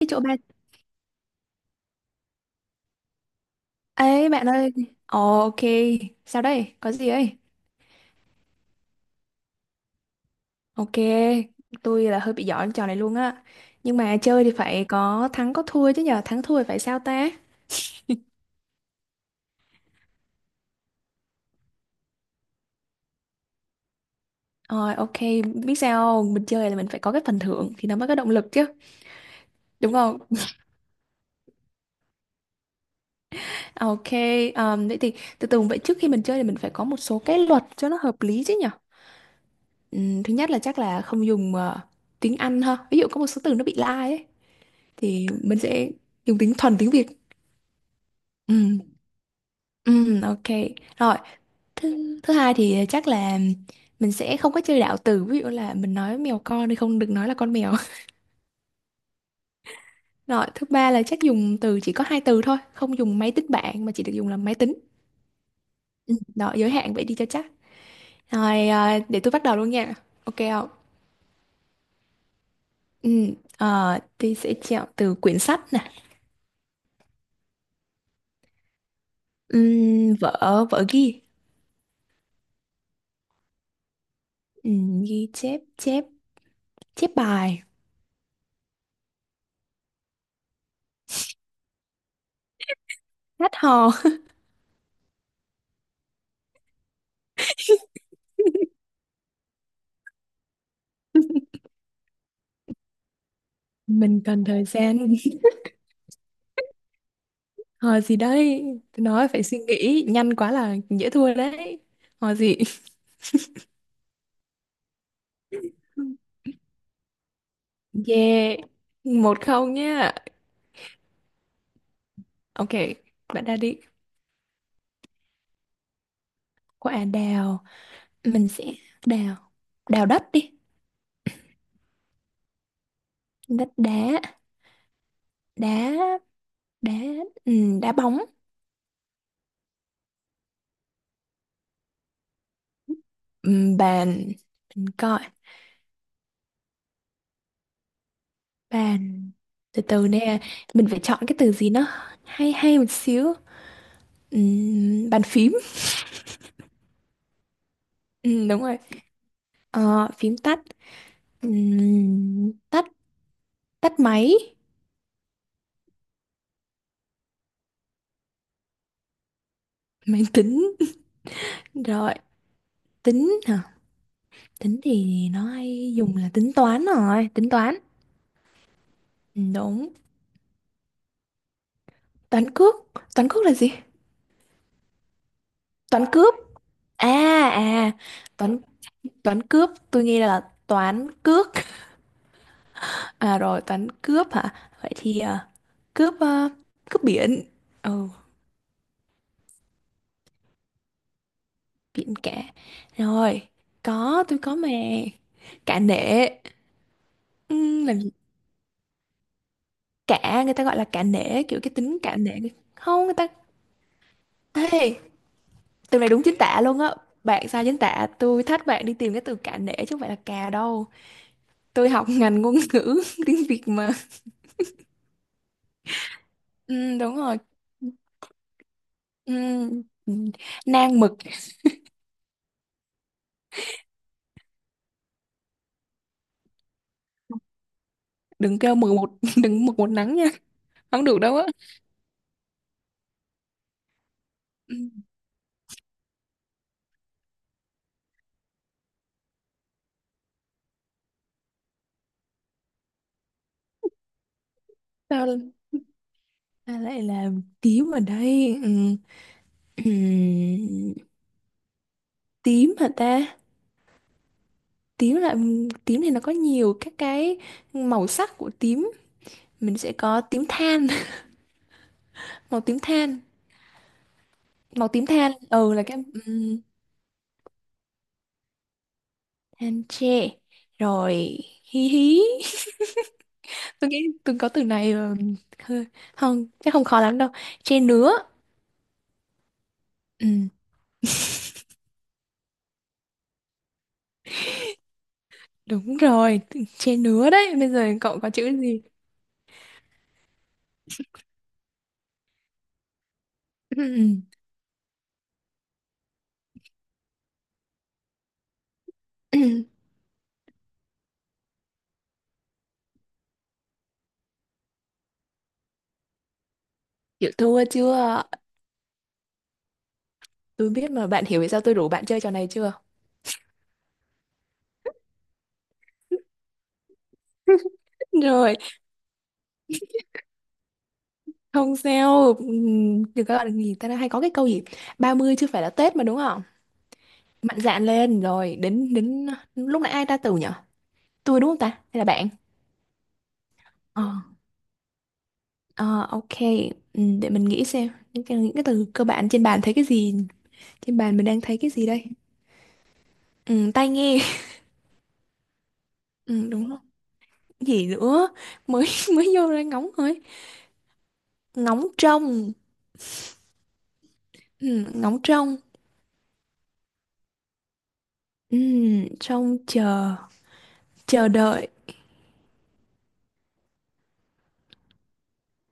Cái chỗ bạn ấy bạn ơi. Ồ, ok, sao đây có gì ấy. Ok, tôi là hơi bị giỏi trò này luôn á. Nhưng mà chơi thì phải có thắng có thua chứ, nhờ thắng thua thì phải sao ta. Rồi, ok. Biết sao không? Mình chơi là mình phải có cái phần thưởng thì nó mới có động lực chứ, đúng không? Ok. Vậy thì từ từ vậy, trước khi mình chơi thì mình phải có một số cái luật cho nó hợp lý chứ nhở. Thứ nhất là chắc là không dùng tiếng Anh ha, ví dụ có một số từ nó bị lai ấy, thì mình sẽ dùng tiếng thuần tiếng Việt. Ừ. Ok. Rồi, thứ thứ hai thì chắc là mình sẽ không có chơi đạo từ, ví dụ là mình nói mèo con thì không được nói là con mèo. Rồi, thứ ba là chắc dùng từ chỉ có hai từ thôi, không dùng máy tính bảng mà chỉ được dùng là máy tính. Ừ. Đó, giới hạn vậy đi cho chắc. Rồi, à, để tôi bắt đầu luôn nha. Ok không? Ừ, tôi sẽ chọn từ quyển sách nè. Vở, vở ghi. Ghi chép, chép, chép bài. Hát hò. Mình cần thời gian. Hỏi gì đây? Tôi nói phải suy nghĩ, nhanh quá là dễ thua đấy. Hỏi gì? Yeah, 1-0 nhá. Ok, bạn đã đi. Quả đào, mình sẽ đào, đào đất đi. Đất đá, đá, đá, đá bóng. Bàn, mình coi, bàn. Từ từ nè, mình phải chọn cái từ gì nó hay hay một xíu. Bàn phím. Đúng rồi. Ờ, phím tắt. Tắt, tắt máy. Máy tính. Rồi, tính hả? Tính thì nó hay dùng là tính toán, rồi tính toán. Ừ, đúng. Toán cướp, toán cướp là gì? Toán cướp, à, à, toán, toán cướp, tôi nghĩ là toán cướp. À rồi, toán cướp hả? Vậy thì à, cướp biển. Ừ, biển cả. Rồi, có tôi có mà. Cả nể. Làm gì? Cả, người ta gọi là cả nể, kiểu cái tính cả nể. Không, người ta... Ê, từ này đúng chính tả luôn á, bạn sai chính tả. Tôi thách bạn đi tìm cái từ cả nể chứ không phải là cà đâu. Tôi học ngành ngôn ngữ tiếng Việt mà. Ừ, đúng rồi. Ừ, ừ. Nang mực. Đừng kêu mực một đừng mực một nắng nha, không được đâu á. Ừ. Sao, sao lại là tím ở đây? Ừ. Ừ. Tím hả ta? Tím là, tím thì nó có nhiều các cái màu sắc của tím. Mình sẽ có tím than. Màu tím than. Màu tím than ừ là cái. Ừ. Anh chê. Rồi, hí hí. Tôi nghĩ tôi có từ này ờ, hơi không chắc không khó lắm đâu. Chê nứa. Ừ, đúng rồi. Chê nứa đấy, bây giờ cậu có chữ gì? Ừ. Chịu thua chưa? Tôi biết mà, bạn hiểu vì sao tôi rủ bạn chơi trò này chưa? Rồi, không sao. Thì các bạn thì ta hay có cái câu gì, 30 chứ phải là Tết mà, đúng không? Mạnh dạn lên. Rồi đến đến lúc nãy ai ta từ nhở, tôi đúng không ta hay là bạn? Ờ. Ờ, ok, ừ, để mình nghĩ xem những cái, từ cơ bản trên bàn thấy cái gì. Trên bàn mình đang thấy cái gì đây? Ừ, tai nghe. Ừ, đúng rồi. Gì nữa? Mới mới vô ra ngóng thôi. Ngóng trông. Ừ, ngóng trông. Ừ, trông chờ. Chờ đợi.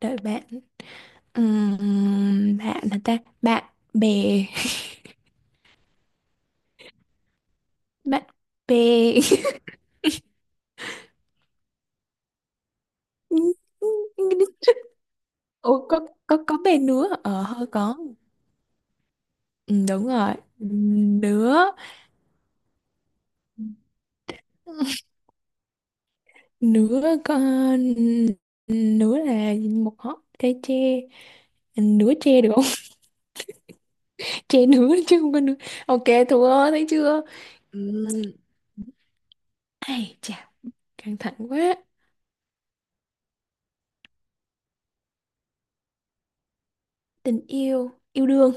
Đợi bạn. Ừ, bạn là ta bạn, bè. Bạn bè. Ủa, có, có bè nữa, ờ hơi có. Ừ, đúng rồi. Nữa. Ừ. Nửa con, nửa là một hót trái tre, nửa tre được không? Tre nửa chứ không có nửa. Ok, thua thấy chưa? Ừm, ai chà, căng thẳng quá. Tình yêu, yêu đương.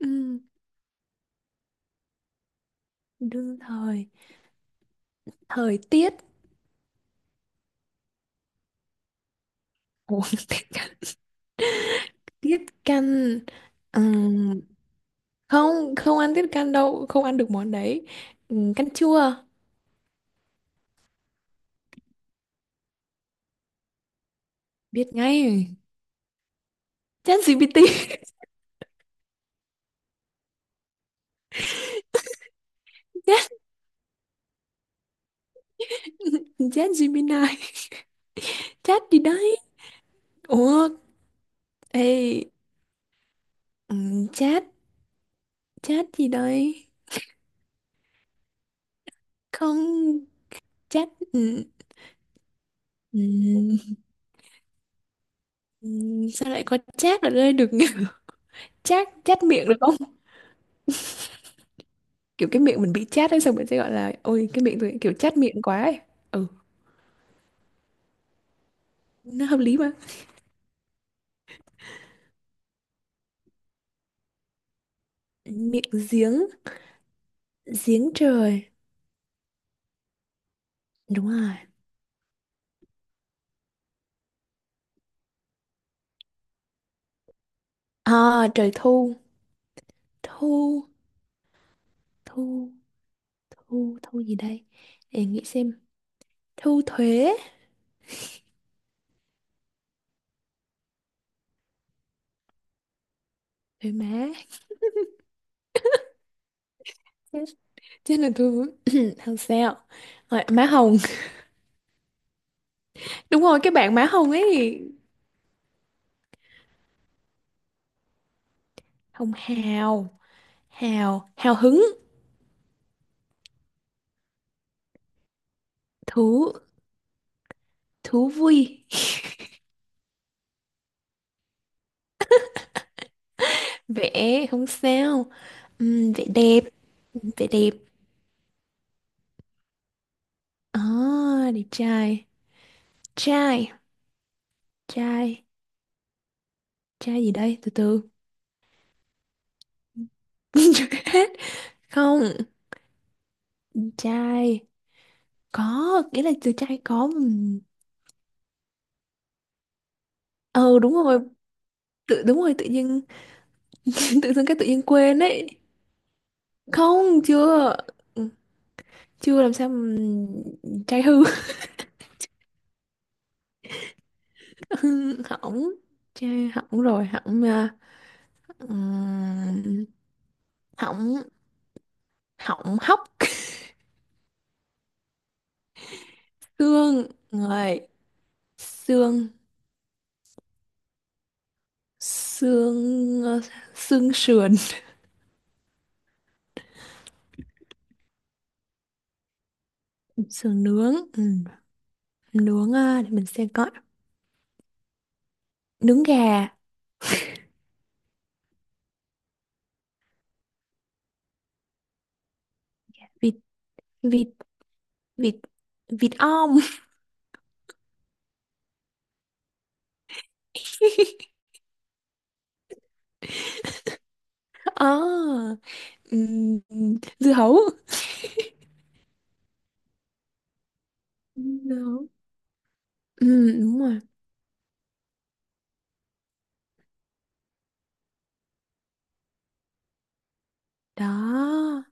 Ừm, đương thời. Thời tiết. Ủa, tiết canh. Tiết canh. Ừm, không, không ăn tiết canh đâu, không ăn được món đấy. Canh chua. Biết ngay. Chat GPT. Chat, chat Gemini. Chat gì đấy. Ủa, ê, ừ, chat, chat gì đây? Không, chat, ừ, ừ, ừ, sao lại có chat ở đây được nhỉ? Chat, chat miệng được không? Kiểu cái miệng mình bị chat ấy, xong mình sẽ gọi là, ôi, cái miệng tôi kiểu chat miệng quá ấy. Ừ, nó hợp lý mà. Miệng giếng, giếng trời, đúng rồi. À, trời thu, thu, thu, thu, thu gì đây? Để nghĩ xem, thu thuế, thuế má. Chắc là tôi không sao. Rồi, má Hồng. Đúng rồi, cái bạn má Hồng ấy. Hồng hào, hào hứng. Thú, thú vui. Vẽ không sao. Vẽ đẹp. Vẽ đẹp à, đẹp trai. Trai, trai, trai gì đây, từ từ. Chưa hết. Không, trai có nghĩa là, từ trai có, ừm. Ờ đúng rồi, tự đúng rồi, tự nhiên. Tự dưng cái tự nhiên quên ấy. Không, chưa. Ừ, chưa, làm sao mà. Trai hư. Hỏng, trai hỏng rồi, hỏng à, ừm, hỏng, hỏng hóc. Xương người. Xương xương ờ, xương sườn. Sườn nướng. Ừ. Nướng ờ, để mình xem coi, nướng gà. Vịt, vịt, vịt, vịt om. À, ừm, dưa hấu. Dưa hấu. Ừ, đúng rồi. Đó,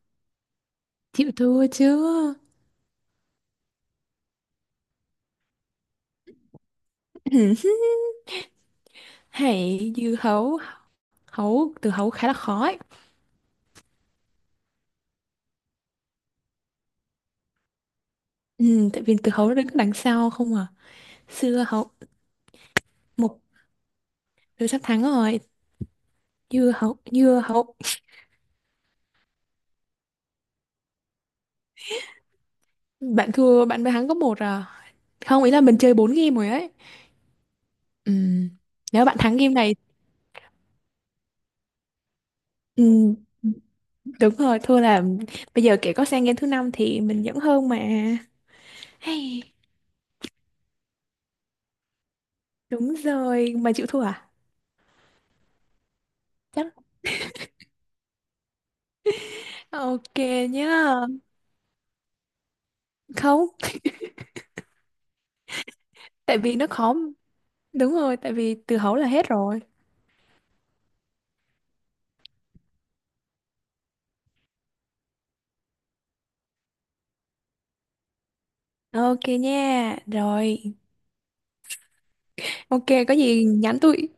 chịu thua chưa? Hãy dư hấu, hấu, từ hấu khá là khó ấy. Ừ, tại vì từ hấu nó đứng đằng sau không à. Xưa hấu. Một, tôi sắp thắng rồi. Dưa hấu, dưa hấu. Bạn thua, bạn mới thắng có một à. Không, ý là mình chơi 4 game rồi ấy. Ừ. Nếu bạn thắng game này, ừ, đúng rồi, thua là bây giờ kể có sang game thứ năm thì mình vẫn hơn mà. Hay, đúng rồi, mà chịu thua à? Chắc. Ok nhá. Không, tại vì nó khó, đúng rồi, tại vì từ hấu là hết rồi. Ok nha. Rồi, ok có gì nhắn tụi.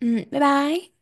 Ừ, bye bye.